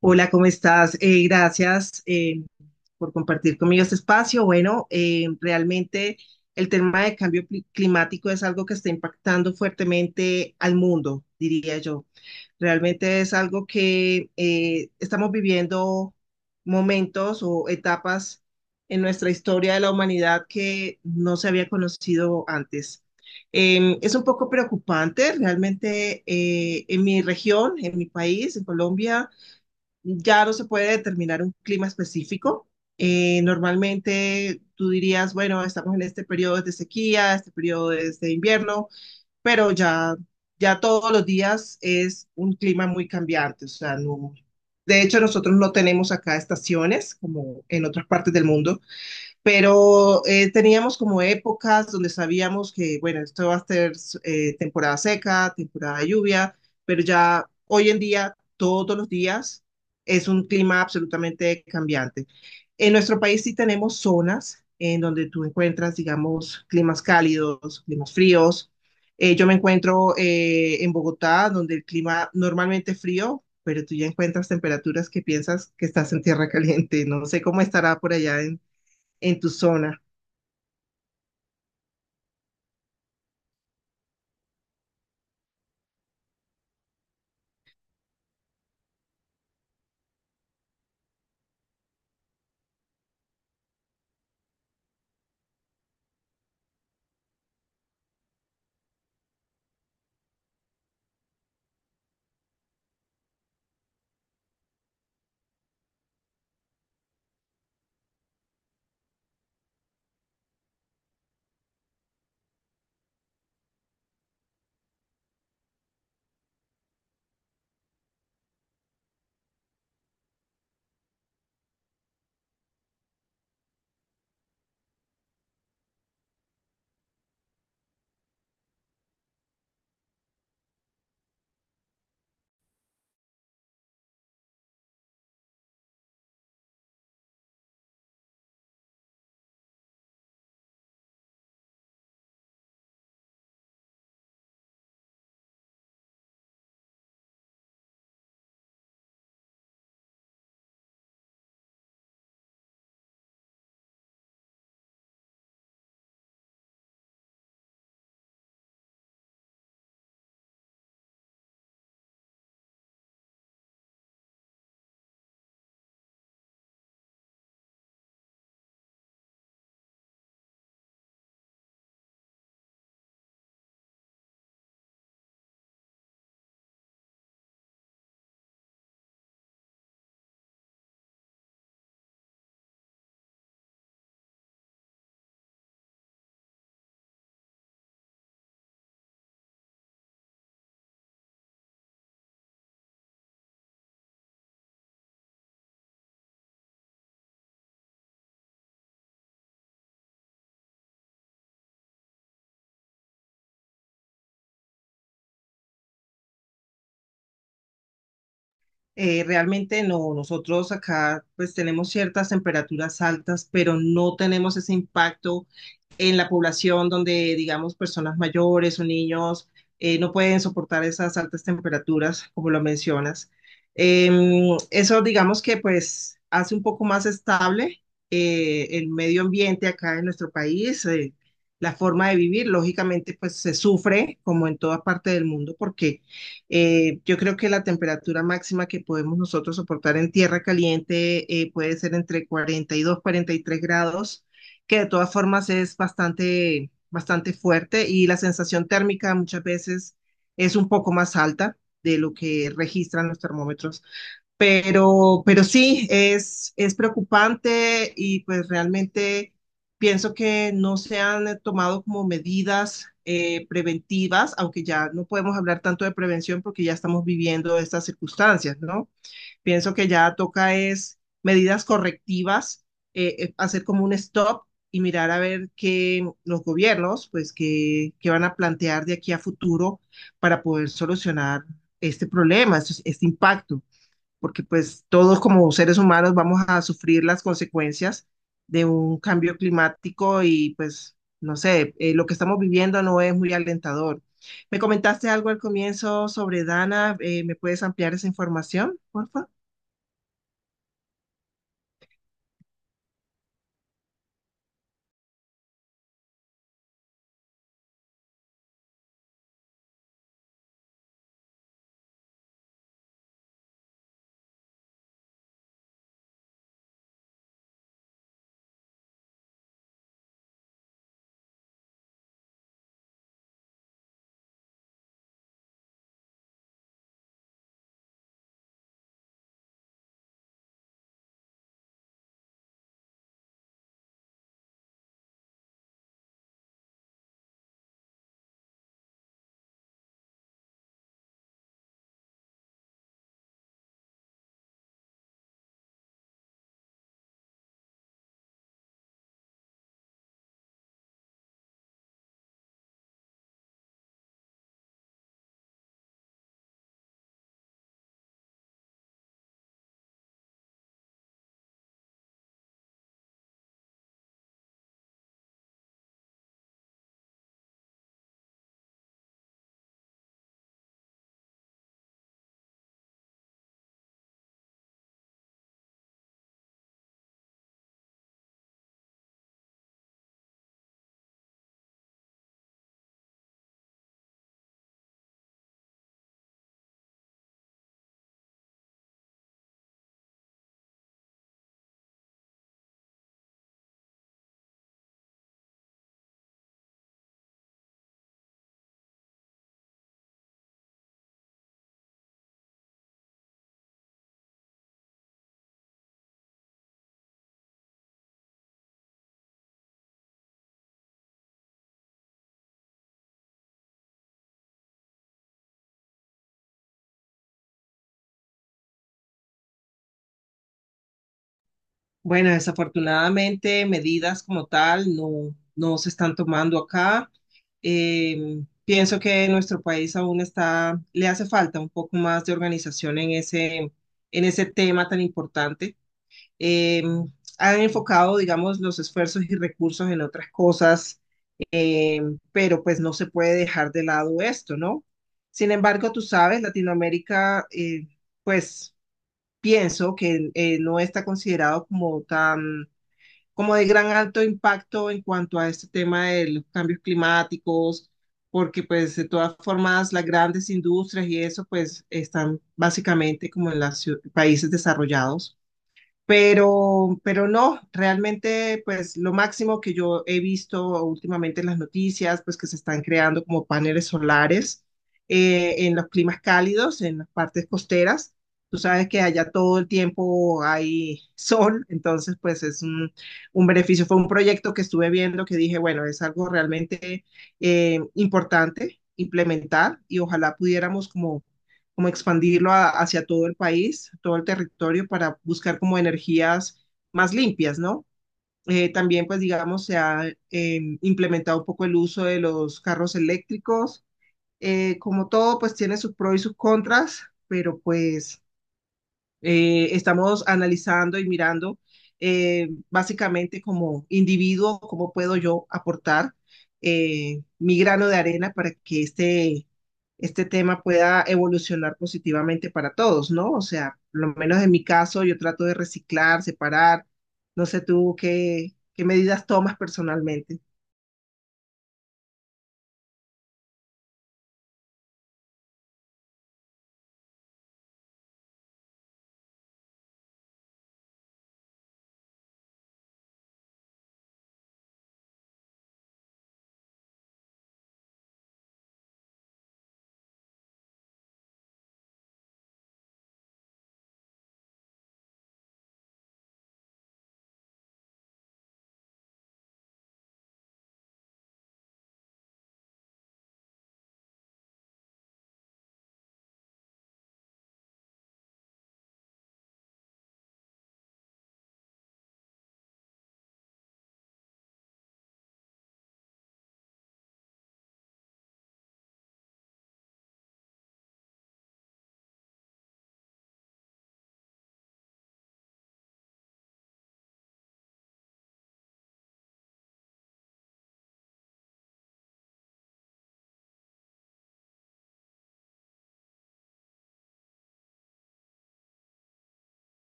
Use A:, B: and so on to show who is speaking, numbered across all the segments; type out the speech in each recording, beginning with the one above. A: Hola, ¿cómo estás? Gracias por compartir conmigo este espacio. Bueno, realmente el tema de cambio climático es algo que está impactando fuertemente al mundo, diría yo. Realmente es algo que estamos viviendo momentos o etapas en nuestra historia de la humanidad que no se había conocido antes. Es un poco preocupante, realmente en mi región, en mi país, en Colombia ya no se puede determinar un clima específico. Normalmente tú dirías, bueno, estamos en este periodo es de sequía, este periodo es de invierno, pero ya todos los días es un clima muy cambiante. O sea, no, de hecho, nosotros no tenemos acá estaciones como en otras partes del mundo, pero teníamos como épocas donde sabíamos que, bueno, esto va a ser temporada seca, temporada de lluvia, pero ya hoy en día, todos los días, es un clima absolutamente cambiante. En nuestro país sí tenemos zonas en donde tú encuentras, digamos, climas cálidos, climas fríos. Yo me encuentro en Bogotá, donde el clima normalmente es frío, pero tú ya encuentras temperaturas que piensas que estás en tierra caliente. No sé cómo estará por allá en tu zona. Realmente no, nosotros acá pues tenemos ciertas temperaturas altas, pero no tenemos ese impacto en la población donde, digamos, personas mayores o niños no pueden soportar esas altas temperaturas, como lo mencionas. Eso, digamos que pues hace un poco más estable el medio ambiente acá en nuestro país, la forma de vivir, lógicamente pues se sufre como en toda parte del mundo porque yo creo que la temperatura máxima que podemos nosotros soportar en tierra caliente puede ser entre 42, 43 grados, que de todas formas es bastante, bastante fuerte y la sensación térmica muchas veces es un poco más alta de lo que registran los termómetros, pero sí, es preocupante y pues realmente pienso que no se han tomado como medidas preventivas, aunque ya no podemos hablar tanto de prevención porque ya estamos viviendo estas circunstancias, ¿no? Pienso que ya toca es medidas correctivas, hacer como un stop y mirar a ver qué los gobiernos, pues, qué, qué van a plantear de aquí a futuro para poder solucionar este problema, este impacto porque pues todos como seres humanos vamos a sufrir las consecuencias de un cambio climático y pues no sé, lo que estamos viviendo no es muy alentador. Me comentaste algo al comienzo sobre Dana, ¿me puedes ampliar esa información, por favor? Bueno, desafortunadamente medidas como tal no, no se están tomando acá. Pienso que nuestro país aún le hace falta un poco más de organización en en ese tema tan importante. Eh, Han enfocado, digamos, los esfuerzos y recursos en otras cosas, eh, pero pues no se puede dejar de lado esto, ¿no? Sin embargo, tú sabes, Latinoamérica, pues pienso que no está considerado como tan como de gran alto impacto en cuanto a este tema de los cambios climáticos, porque pues de todas formas las grandes industrias y eso pues están básicamente como en los países desarrollados. Pero no, realmente, pues lo máximo que yo he visto últimamente en las noticias, pues que se están creando como paneles solares en los climas cálidos, en las partes costeras. Tú sabes que allá todo el tiempo hay sol, entonces pues es un beneficio. Fue un proyecto que estuve viendo que dije, bueno, es algo realmente importante implementar y ojalá pudiéramos como expandirlo hacia todo el país, todo el territorio, para buscar como energías más limpias, ¿no? También, pues, digamos, se ha implementado un poco el uso de los carros eléctricos. Como todo, pues tiene sus pros y sus contras, pero pues estamos analizando y mirando básicamente como individuo, cómo puedo yo aportar mi grano de arena para que este tema pueda evolucionar positivamente para todos, ¿no? O sea, por lo menos en mi caso, yo trato de reciclar, separar. No sé tú qué, qué medidas tomas personalmente.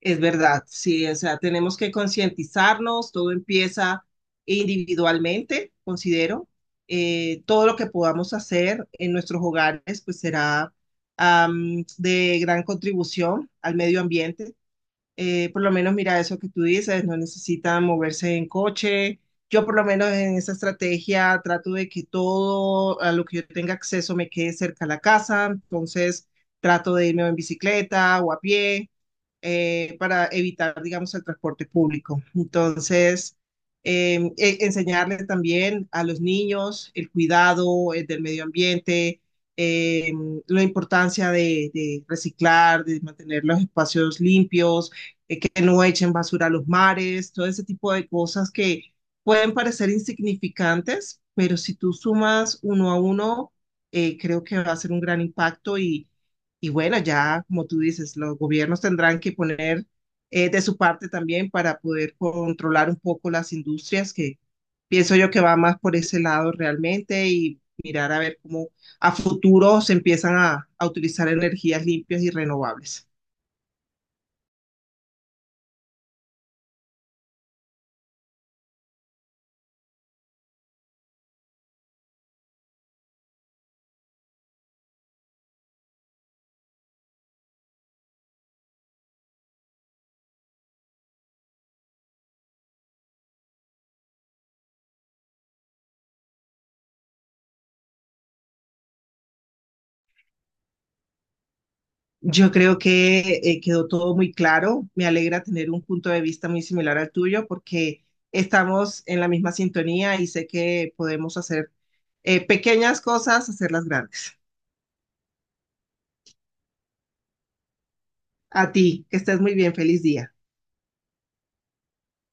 A: Es verdad, sí, o sea, tenemos que concientizarnos, todo empieza individualmente, considero. Todo lo que podamos hacer en nuestros hogares, pues será de gran contribución al medio ambiente. Por lo menos, mira eso que tú dices, no necesitan moverse en coche. Yo por lo menos en esa estrategia trato de que todo a lo que yo tenga acceso me quede cerca a la casa, entonces trato de irme en bicicleta o a pie para evitar, digamos, el transporte público. Entonces, enseñarles también a los niños el cuidado del medio ambiente, eh, la importancia de reciclar, de mantener los espacios limpios, que no echen basura a los mares, todo ese tipo de cosas que pueden parecer insignificantes, pero si tú sumas uno a uno, creo que va a ser un gran impacto y bueno, ya como tú dices, los gobiernos tendrán que poner de su parte también para poder controlar un poco las industrias, que pienso yo que va más por ese lado realmente y mirar a ver cómo a futuro se empiezan a utilizar energías limpias y renovables. Yo creo que quedó todo muy claro. Me alegra tener un punto de vista muy similar al tuyo porque estamos en la misma sintonía y sé que podemos hacer pequeñas cosas, hacerlas grandes. A ti, que estés muy bien, feliz día.